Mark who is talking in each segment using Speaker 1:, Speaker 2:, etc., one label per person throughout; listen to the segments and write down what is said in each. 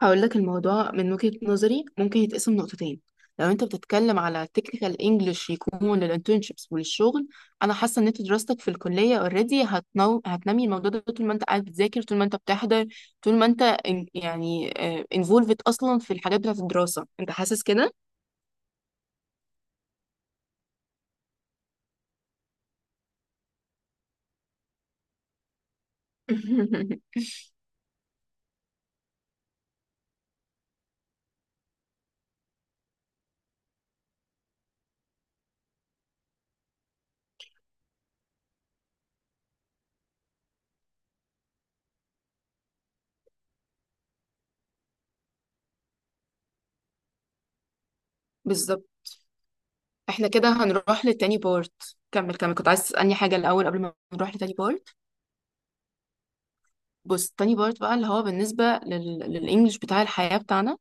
Speaker 1: هقول لك الموضوع من وجهة نظري ممكن يتقسم نقطتين. لو انت بتتكلم على تكنيكال انجلش يكون للانترنشيبس وللشغل، انا حاسه ان انت دراستك في الكليه اوريدي هتنمي الموضوع ده طول ما انت قاعد بتذاكر، طول ما انت بتحضر، طول ما انت يعني انفولفد اصلا في الحاجات بتاعه الدراسه، انت حاسس كده؟ بالظبط، احنا كده هنروح للتاني بارت. كمل كمل، كنت عايز تسألني حاجة الأول قبل ما نروح لتاني بارت؟ بص، تاني بارت بقى اللي هو بالنسبة للإنجليش بتاع الحياة بتاعنا.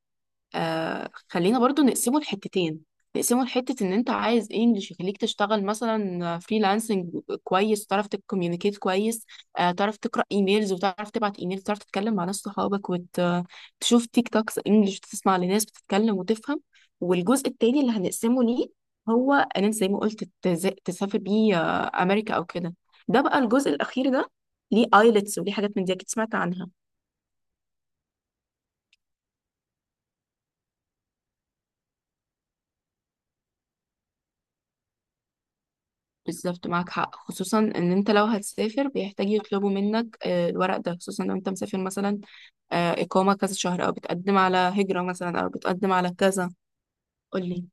Speaker 1: خلينا برضو نقسمه لحتتين. نقسمه لحتة ان انت عايز انجلش يخليك تشتغل مثلا فريلانسنج، كويس، تعرف تكوميونيكيت كويس، تعرف تقرأ ايميلز وتعرف تبعت ايميل، تعرف تتكلم مع ناس صحابك وتشوف تيك توكس انجلش وتسمع لناس بتتكلم وتفهم. والجزء التاني اللي هنقسمه ليه هو ان انت زي ما قلت تسافر بيه امريكا او كده. ده بقى الجزء الاخير ده، ليه ايلتس وليه حاجات من دي اكيد سمعت عنها. بالظبط، معاك حق، خصوصا ان انت لو هتسافر بيحتاج يطلبوا منك الورق ده، خصوصا لو انت مسافر مثلا إقامة كذا شهر، او بتقدم على هجرة مثلا، او بتقدم على كذا. قولي.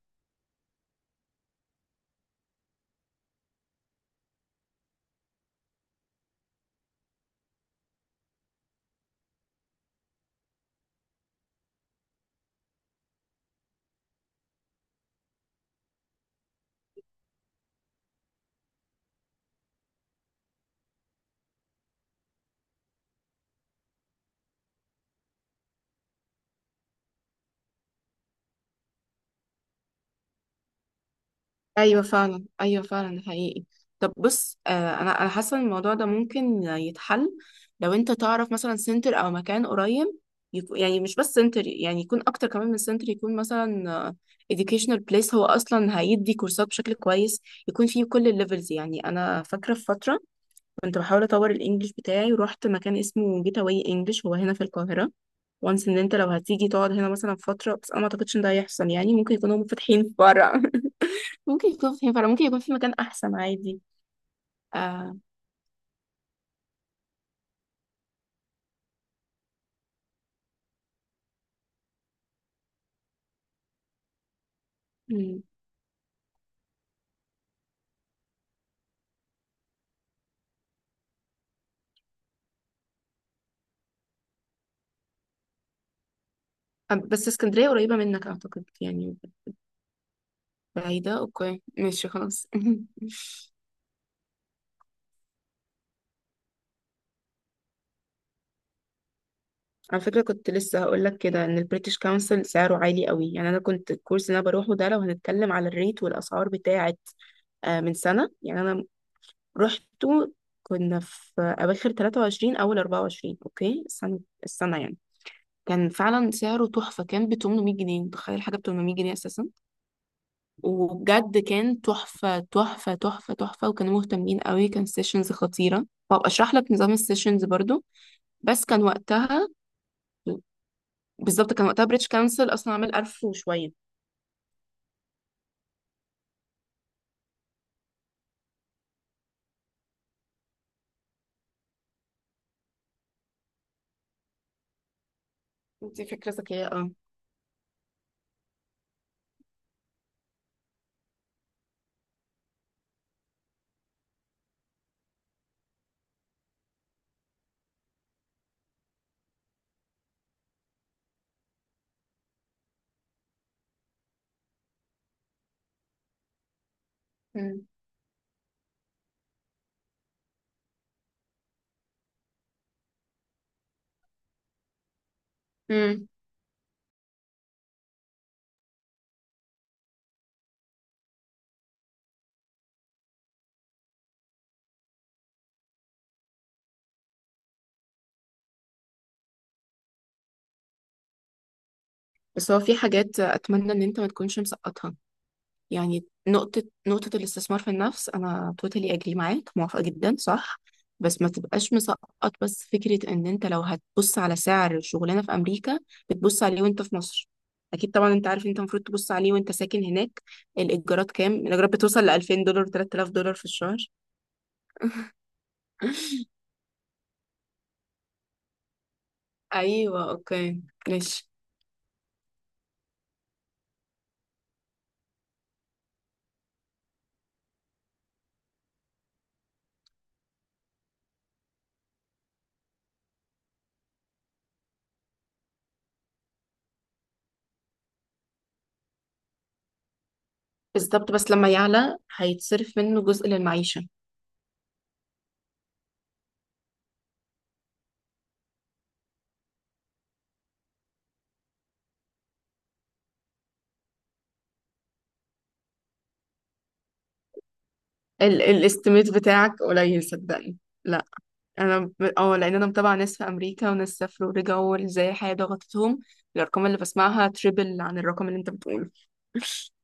Speaker 1: ايوه فعلا، ايوه فعلا، ده حقيقي. طب بص، انا حاسة ان الموضوع ده ممكن يتحل، لو انت تعرف مثلا سنتر او مكان قريب، يكون يعني مش بس سنتر، يعني يكون اكتر كمان من سنتر، يكون مثلا educational place، هو اصلا هيدي كورسات بشكل كويس، يكون فيه كل الليفلز. يعني انا فاكرة في فترة كنت بحاول اطور الانجليش بتاعي ورحت مكان اسمه جيت اواي انجليش، هو هنا في القاهره. وانس ان انت لو هتيجي تقعد هنا مثلا فتره، بس انا ما اعتقدش ان ده هيحصل، يعني ممكن يكونوا فاتحين في فرع. ممكن يكونوا فاتحين فرع، ممكن يكون في مكان احسن عادي. آه. مم. بس اسكندريه قريبه منك اعتقد يعني. بعيده، اوكي ماشي خلاص. على فكرة، كنت لسه هقول لك كده ان البريتش كونسل سعره عالي قوي، يعني انا كنت الكورس اللي انا بروحه ده، لو هنتكلم على الريت والاسعار بتاعت من سنة يعني، انا رحته، كنا في أواخر 23 أول 24. أوكي، السنة السنة يعني، كان فعلا سعره تحفة، كان ب 800 جنيه. متخيل حاجة ب 800 جنيه أساسا؟ وبجد كان تحفة تحفة تحفة تحفة، وكانوا مهتمين قوي، كان سيشنز خطيرة، وأبقى أشرح لك نظام السيشنز برضو. بس كان وقتها، بالظبط، كان وقتها بريتش كانسل أصلا عامل 1000 وشوية. دي فكرة ذكية، اه. مم. مم. بس هو في حاجات أتمنى إن أنت ما تكونش مسقطها. يعني نقطة، نقطة الاستثمار في النفس، أنا توتالي أجري معاك، موافقة جدا، صح. بس ما تبقاش مسقط، بس فكرة إن أنت لو هتبص على سعر الشغلانة في أمريكا، بتبص عليه وأنت في مصر. أكيد طبعا أنت عارف أنت المفروض تبص عليه وأنت ساكن هناك. الإيجارات كام؟ الإيجارات بتوصل ل 2000 دولار 3000 دولار في الشهر. أيوه أوكي ماشي. بالظبط، بس لما يعلى هيتصرف منه جزء للمعيشة. الاستيميت بتاعك قليل صدقني، لا. انا لان انا متابعه ناس في امريكا وناس سافروا ورجعوا ازاي الحياه ضغطتهم. الارقام اللي بسمعها تريبل عن الرقم اللي انت بتقوله.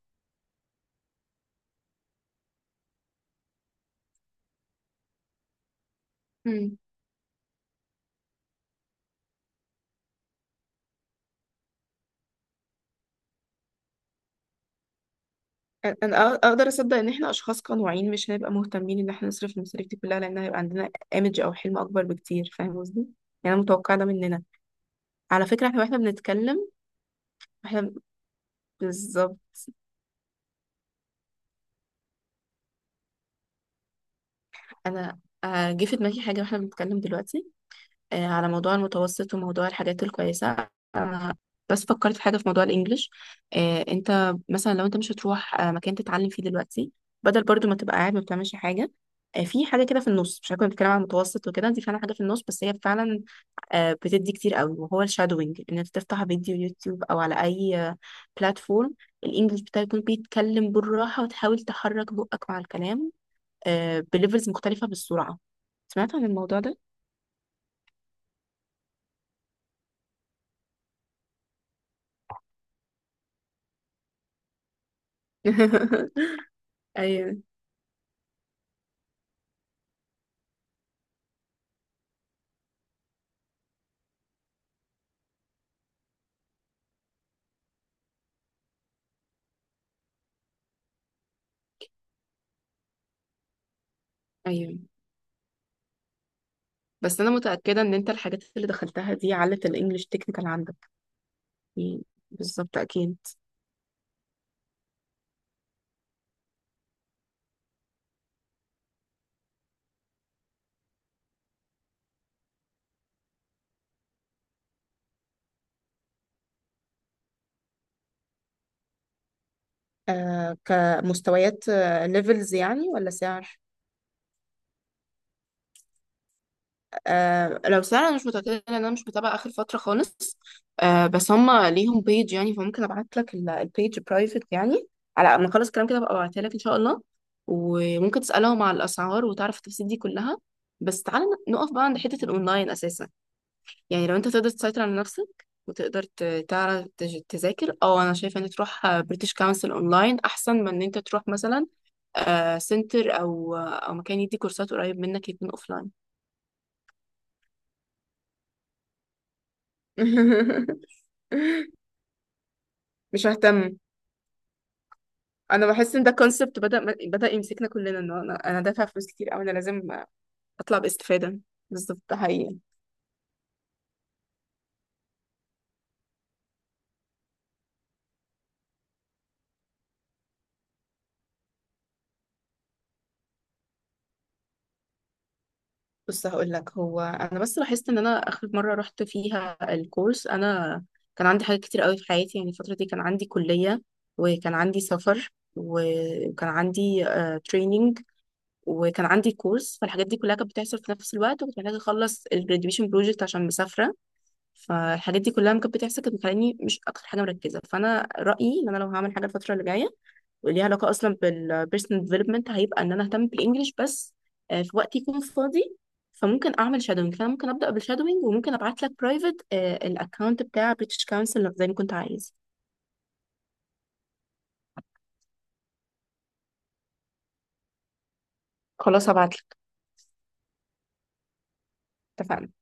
Speaker 1: مم. انا اقدر اصدق ان احنا اشخاص قنوعين مش هنبقى مهتمين ان احنا نصرف المصاريف دي كلها، لان هيبقى عندنا ايمج او حلم اكبر بكتير، فاهم قصدي؟ يعني انا متوقعه ده مننا. على فكره احنا واحنا بنتكلم، احنا بالظبط. انا جه في دماغي حاجه واحنا بنتكلم دلوقتي على موضوع المتوسط وموضوع الحاجات الكويسة. أنا بس فكرت في حاجة في موضوع الإنجليش. أنت مثلا لو أنت مش هتروح مكان تتعلم فيه دلوقتي، بدل برضو ما تبقى قاعد ما بتعملش حاجة، في حاجة كده في النص، مش هكون بتكلم عن المتوسط وكده، دي فعلا حاجة في النص، بس هي فعلا بتدي كتير قوي، وهو الشادوينج، إن أنت تفتح فيديو يوتيوب أو على أي بلاتفورم، الإنجليش بتاعك يكون بيتكلم بالراحة، وتحاول تحرك بقك مع الكلام بليفلز مختلفة بالسرعة. سمعت عن الموضوع ده؟ ايوه ايوه، بس انا متاكده ان انت الحاجات اللي دخلتها دي علت الانجليش تكنيكال عندك يعني، بالظبط اكيد. آه، كمستويات ليفلز يعني ولا سعر؟ آه، لو سعر انا مش متاكده لان انا مش متابعه اخر فتره خالص. آه، بس هم ليهم بيج يعني، فممكن ابعت لك البيج برايفت يعني، على ما اخلص الكلام كده ببقى ابعتها لك ان شاء الله. وممكن تسالهم على الاسعار وتعرف التفاصيل دي كلها. بس تعالى نقف بقى عند حته الاونلاين اساسا، يعني لو انت تقدر تسيطر على نفسك وتقدر تعرف تذاكر، او انا شايفه ان تروح بريتش كونسل اونلاين احسن من ان انت تروح مثلا سنتر او مكان يدي كورسات قريب منك، يكون اوفلاين. مش ههتم. انا بحس ان ده كونسبت بدأ يمسكنا كلنا، ان انا دافع فلوس كتير او انا لازم اطلع باستفادة، بالظبط ده حقيقي. بص هقول لك، هو انا بس لاحظت ان انا اخر مره رحت فيها الكورس انا كان عندي حاجات كتير قوي في حياتي، يعني الفتره دي كان عندي كليه، وكان عندي سفر، وكان عندي تريننج، وكان عندي كورس، فالحاجات دي كلها كانت بتحصل في نفس الوقت، وكنت محتاجه اخلص الجراديويشن بروجكت عشان مسافره. فالحاجات دي كلها لما كانت بتحصل كانت مخليني مش اكتر حاجه مركزه، فانا رايي ان انا لو هعمل حاجه الفتره اللي جايه وليها علاقة أصلا بالبيرسونال ديفلوبمنت، هيبقى إن أنا أهتم بالإنجليش بس، في وقت يكون فاضي. فممكن أعمل شادوينج، فأنا ممكن أبدأ بالشادوينج، وممكن أبعت لك برايفت الأكونت بتاع بريتش كونسل زي ما كنت عايز. خلاص هبعت لك. اتفقنا.